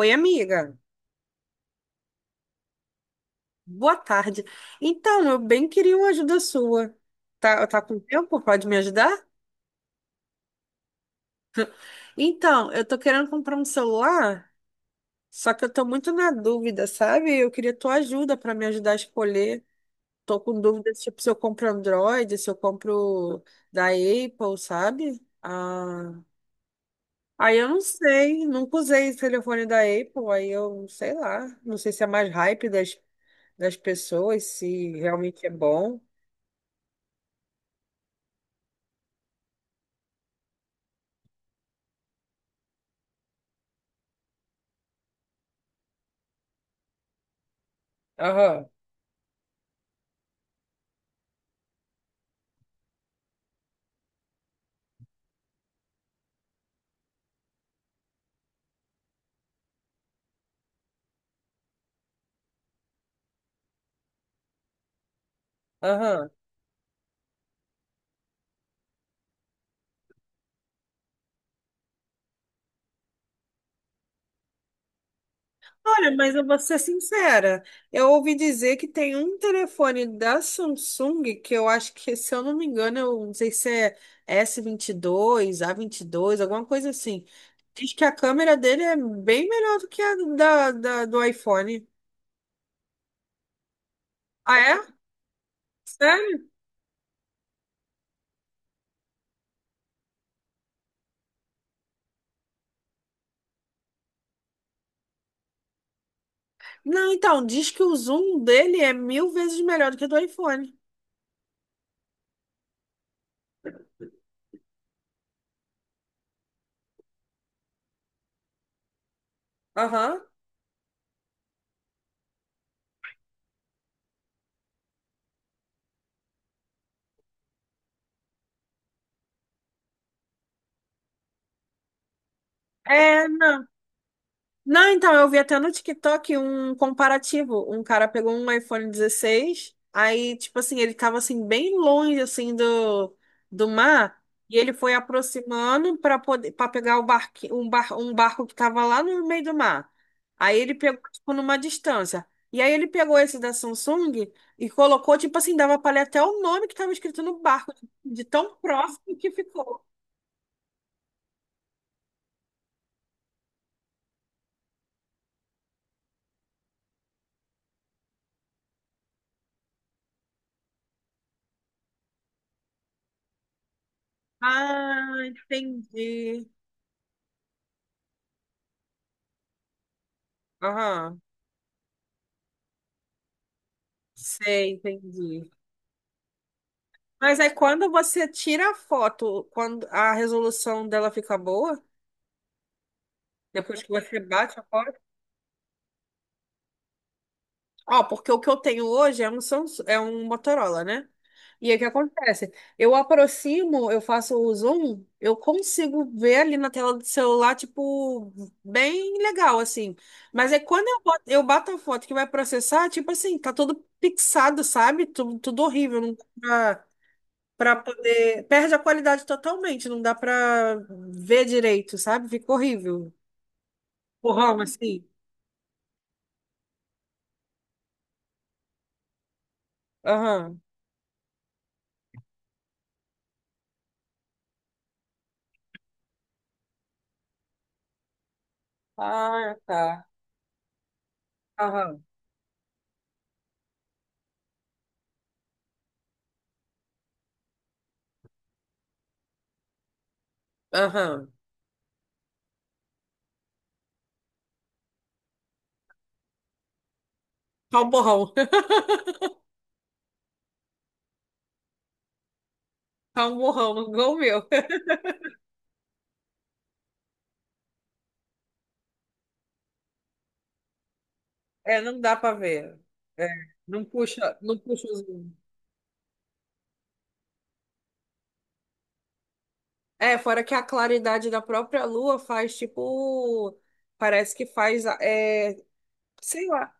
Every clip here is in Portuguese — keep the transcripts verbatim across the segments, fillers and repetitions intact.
Oi, amiga. Boa tarde. Então, eu bem queria uma ajuda sua. Tá, tá com tempo? Pode me ajudar? Então, eu tô querendo comprar um celular, só que eu tô muito na dúvida, sabe? Eu queria tua ajuda para me ajudar a escolher. Tô com dúvidas, tipo, se eu compro Android, se eu compro da Apple, sabe? Ah, aí eu não sei, nunca usei o telefone da Apple, aí eu sei lá, não sei se é mais hype das, das pessoas, se realmente é bom. Aham. Aham. Olha, mas eu vou ser sincera. Eu ouvi dizer que tem um telefone da Samsung que eu acho que, se eu não me engano, eu não sei se é S vinte e dois, A vinte e dois, alguma coisa assim. Diz que a câmera dele é bem melhor do que a da, da- do iPhone. Ah, é? Sério? Não, então, diz que o zoom dele é mil vezes melhor do que o do iPhone. Aham. É, não. Não, então, eu vi até no TikTok um comparativo. Um cara pegou um iPhone dezesseis, aí, tipo assim, ele tava assim, bem longe, assim, do, do mar, e ele foi aproximando para poder, para pegar o barqui, um, bar, um barco que tava lá no meio do mar. Aí ele pegou, tipo, numa distância. E aí ele pegou esse da Samsung e colocou, tipo assim, dava pra ler até o nome que tava escrito no barco, de tão próximo que ficou. Ah, entendi. Aham, sei, entendi. Mas aí quando você tira a foto, quando a resolução dela fica boa, depois que você bate a foto. Ó, porque o que eu tenho hoje é um Samsung, é um Motorola, né? E aí o que acontece? Eu aproximo, eu faço o zoom, eu consigo ver ali na tela do celular, tipo, bem legal, assim. Mas aí quando eu boto, eu bato a foto que vai processar, tipo assim, tá tudo pixado, sabe? Tudo, tudo horrível, não dá para poder. Perde a qualidade totalmente, não dá para ver direito, sabe? Fica horrível. Borrão, assim. Aham. Ah, tá. Aham. Aham. Tá um borrão. Tá um borrão, igual o meu. É, não dá para ver. É, não puxa, não puxa o zoom. É, fora que a claridade da própria lua faz tipo. Parece que faz. É, sei lá.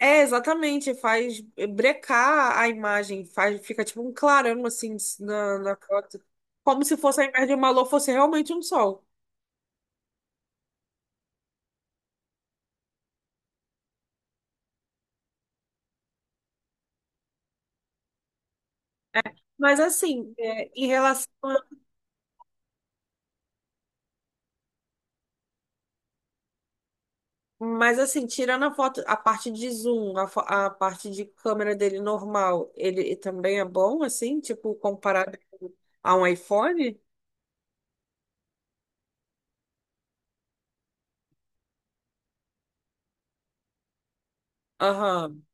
É, exatamente, faz eh, brecar a imagem, faz, fica tipo um clarão assim na, na foto, como se fosse, ao invés de uma lua, fosse realmente um sol. Mas assim, é, em relação a- Mas assim, tirando a foto, a parte de zoom, a, fo- a parte de câmera dele normal, ele também é bom, assim, tipo, comparado a um iPhone? Aham,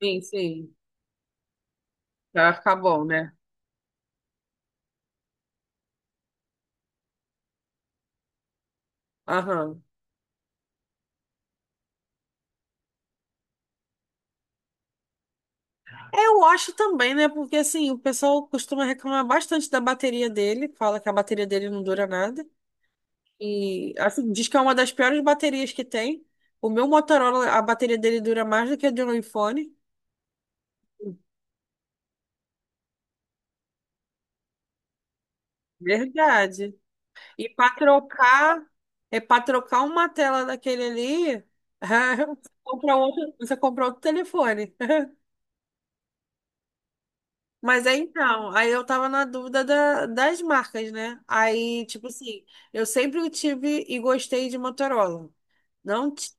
sim, sim, vai ficar bom, né? Aham. Eu acho também, né? Porque assim, o pessoal costuma reclamar bastante da bateria dele, fala que a bateria dele não dura nada. E assim, diz que é uma das piores baterias que tem. O meu Motorola, a bateria dele dura mais do que a de um iPhone. Verdade. E para trocar, é para trocar uma tela daquele ali, você compra outro, você compra outro telefone. Mas aí então, aí eu tava na dúvida da- das marcas, né? Aí, tipo assim, eu sempre tive e gostei de Motorola. Não, ti-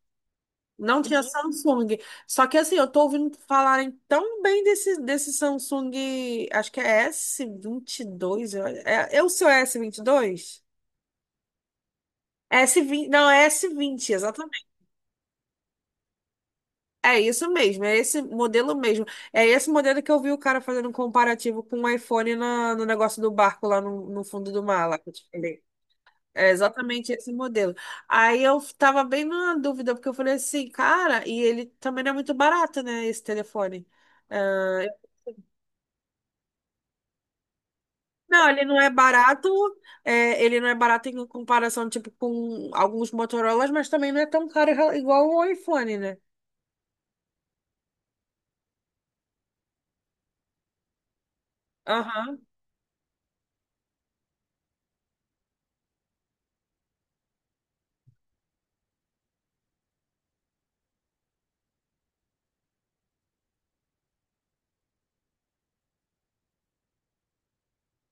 não tinha Samsung. Só que assim, eu tô ouvindo falarem tão bem desse, desse Samsung, acho que é s vinte e dois eu- É, é o seu s vinte e dois s vinte não, é s vinte exatamente. É isso mesmo, é esse modelo mesmo. É esse modelo que eu vi o cara fazendo um comparativo com o iPhone na, no negócio do barco lá no, no fundo do mar, lá que eu te falei. É exatamente esse modelo. Aí eu tava bem na dúvida, porque eu falei assim, cara, e ele também não é muito barato, né, esse telefone. Ah, não, ele não é barato, é, ele não é barato em comparação, tipo, com alguns Motorolas, mas também não é tão caro igual o iPhone, né? Aham,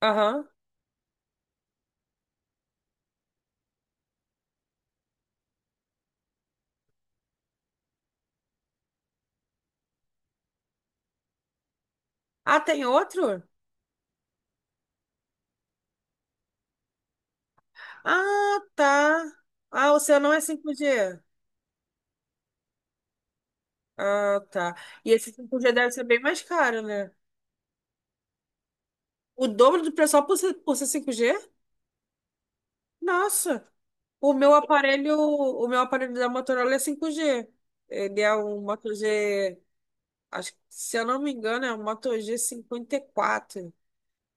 aham. Ah, tem outro? Ah, tá. Ah, o seu não é cinco g. Ah, tá. E esse cinco g deve ser bem mais caro, né? O dobro do preço só por ser, por ser cinco g. Nossa. O meu aparelho, o meu aparelho da Motorola é cinco G. Ele é um Moto G, acho, que, se eu não me engano, é um Moto G cinquenta e quatro.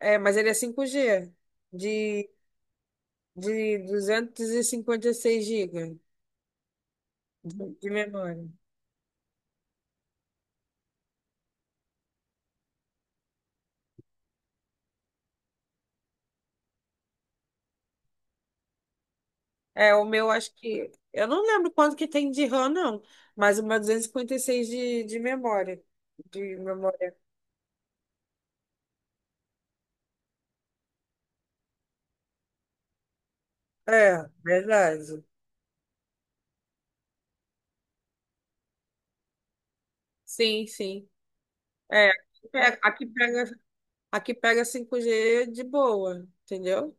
É, mas ele é cinco G de, de duzentos e cinquenta e seis gigas de de memória. É, o meu acho que eu não lembro quanto que tem de RAM não, mas o meu duzentos e cinquenta e seis de, de memória, de memória. É, verdade. Sim, sim. É, aqui pega aqui pega Aqui pega cinco g de boa, entendeu?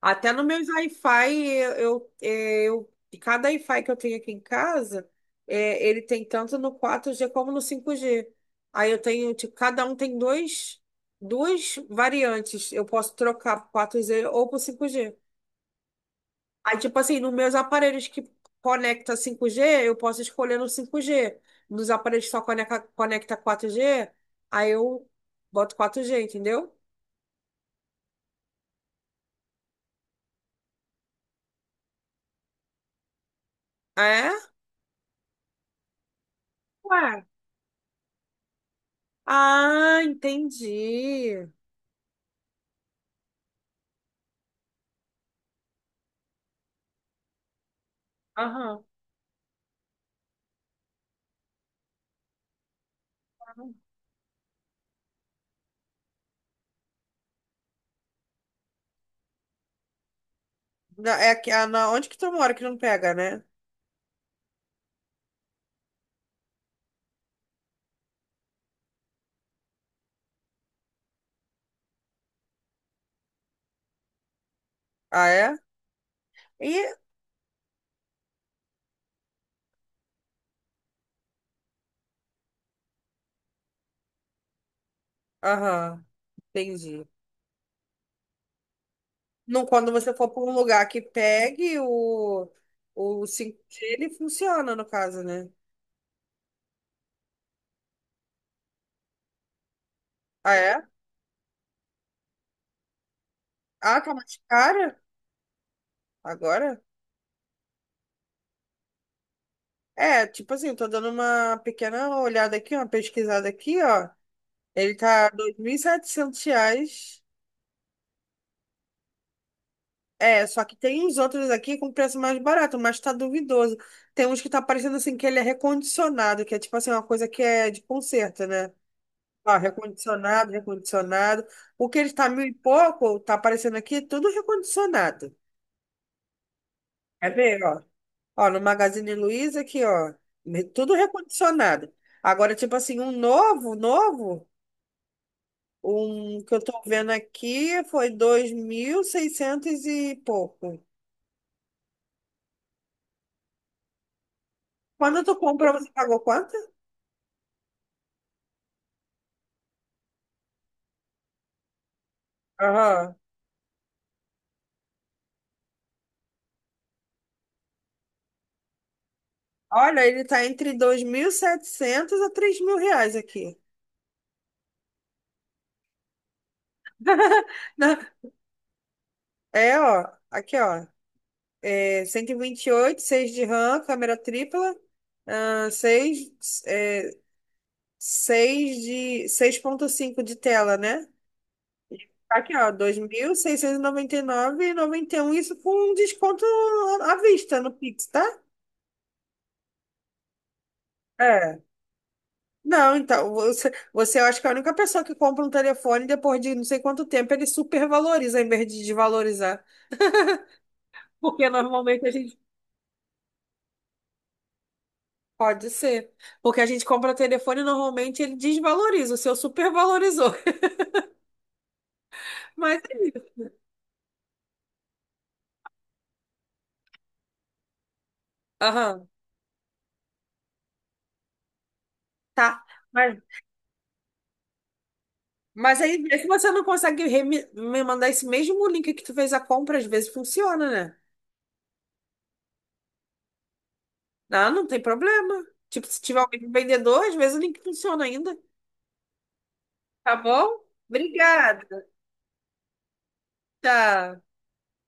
Até no meu Wi-Fi, eu, eu, eh, eu- cada Wi-Fi que eu tenho aqui em casa, é, ele tem tanto no quatro G como no cinco G. Aí eu tenho, tipo, cada um tem dois, duas variantes. Eu posso trocar pro quatro G ou pro cinco G. Aí, tipo assim, nos meus aparelhos que conecta cinco G, eu posso escolher no cinco G. Nos aparelhos que só conecta, conecta quatro G, aí eu boto quatro G, entendeu? É? Ué. Ah, entendi. Aham. Na- É aqui, ah, na, onde que tu mora que não pega, né? Ah, é? E, aham, entendi. Não, quando você for para um lugar que pegue o, o cinco G, ele funciona, no caso, né? Ah, é? Ah, tá mais caro agora? É, tipo assim, tô dando uma pequena olhada aqui, uma pesquisada aqui, ó. Ele tá R dois mil e setecentos reais. É, só que tem uns outros aqui com preço mais barato, mas tá duvidoso. Tem uns que tá parecendo assim que ele é recondicionado, que é tipo assim, uma coisa que é de conserto, né? Ó, recondicionado, recondicionado. O que ele tá mil e pouco, tá aparecendo aqui, tudo recondicionado. Quer ver, ó? Ó, no Magazine Luiza aqui, ó, me- tudo recondicionado. Agora, tipo assim, um novo, novo, um que eu tô vendo aqui foi dois mil e seiscentos e pouco. Quando tu comprou, você pagou quanto? Aham. Olha, ele tá entre dois mil e setecentos a três mil reais aqui. Não, É, ó, aqui, ó. É cento e vinte e oito, seis de RAM, câmera tripla, ah, seis é, seis de seis vírgula cinco de tela, né? Aqui, ó, dois mil seiscentos noventa noventa e nove e noventa e nove um. Isso com um desconto à vista no Pix, tá? É. Não, então, você, você acha que é a única pessoa que compra um telefone e depois de não sei quanto tempo ele supervaloriza em vez de desvalorizar. Porque normalmente a gente. Pode ser. Porque a gente compra telefone e normalmente ele desvaloriza. O seu supervalorizou. Mas. Aham, tá. Mas, mas aí, vê se você não consegue remi- me mandar esse mesmo link que tu fez a compra, às vezes funciona, né? Ah, não tem problema. Tipo, se tiver o mesmo vendedor, às vezes o link funciona ainda. Tá bom? Obrigada. Tchau.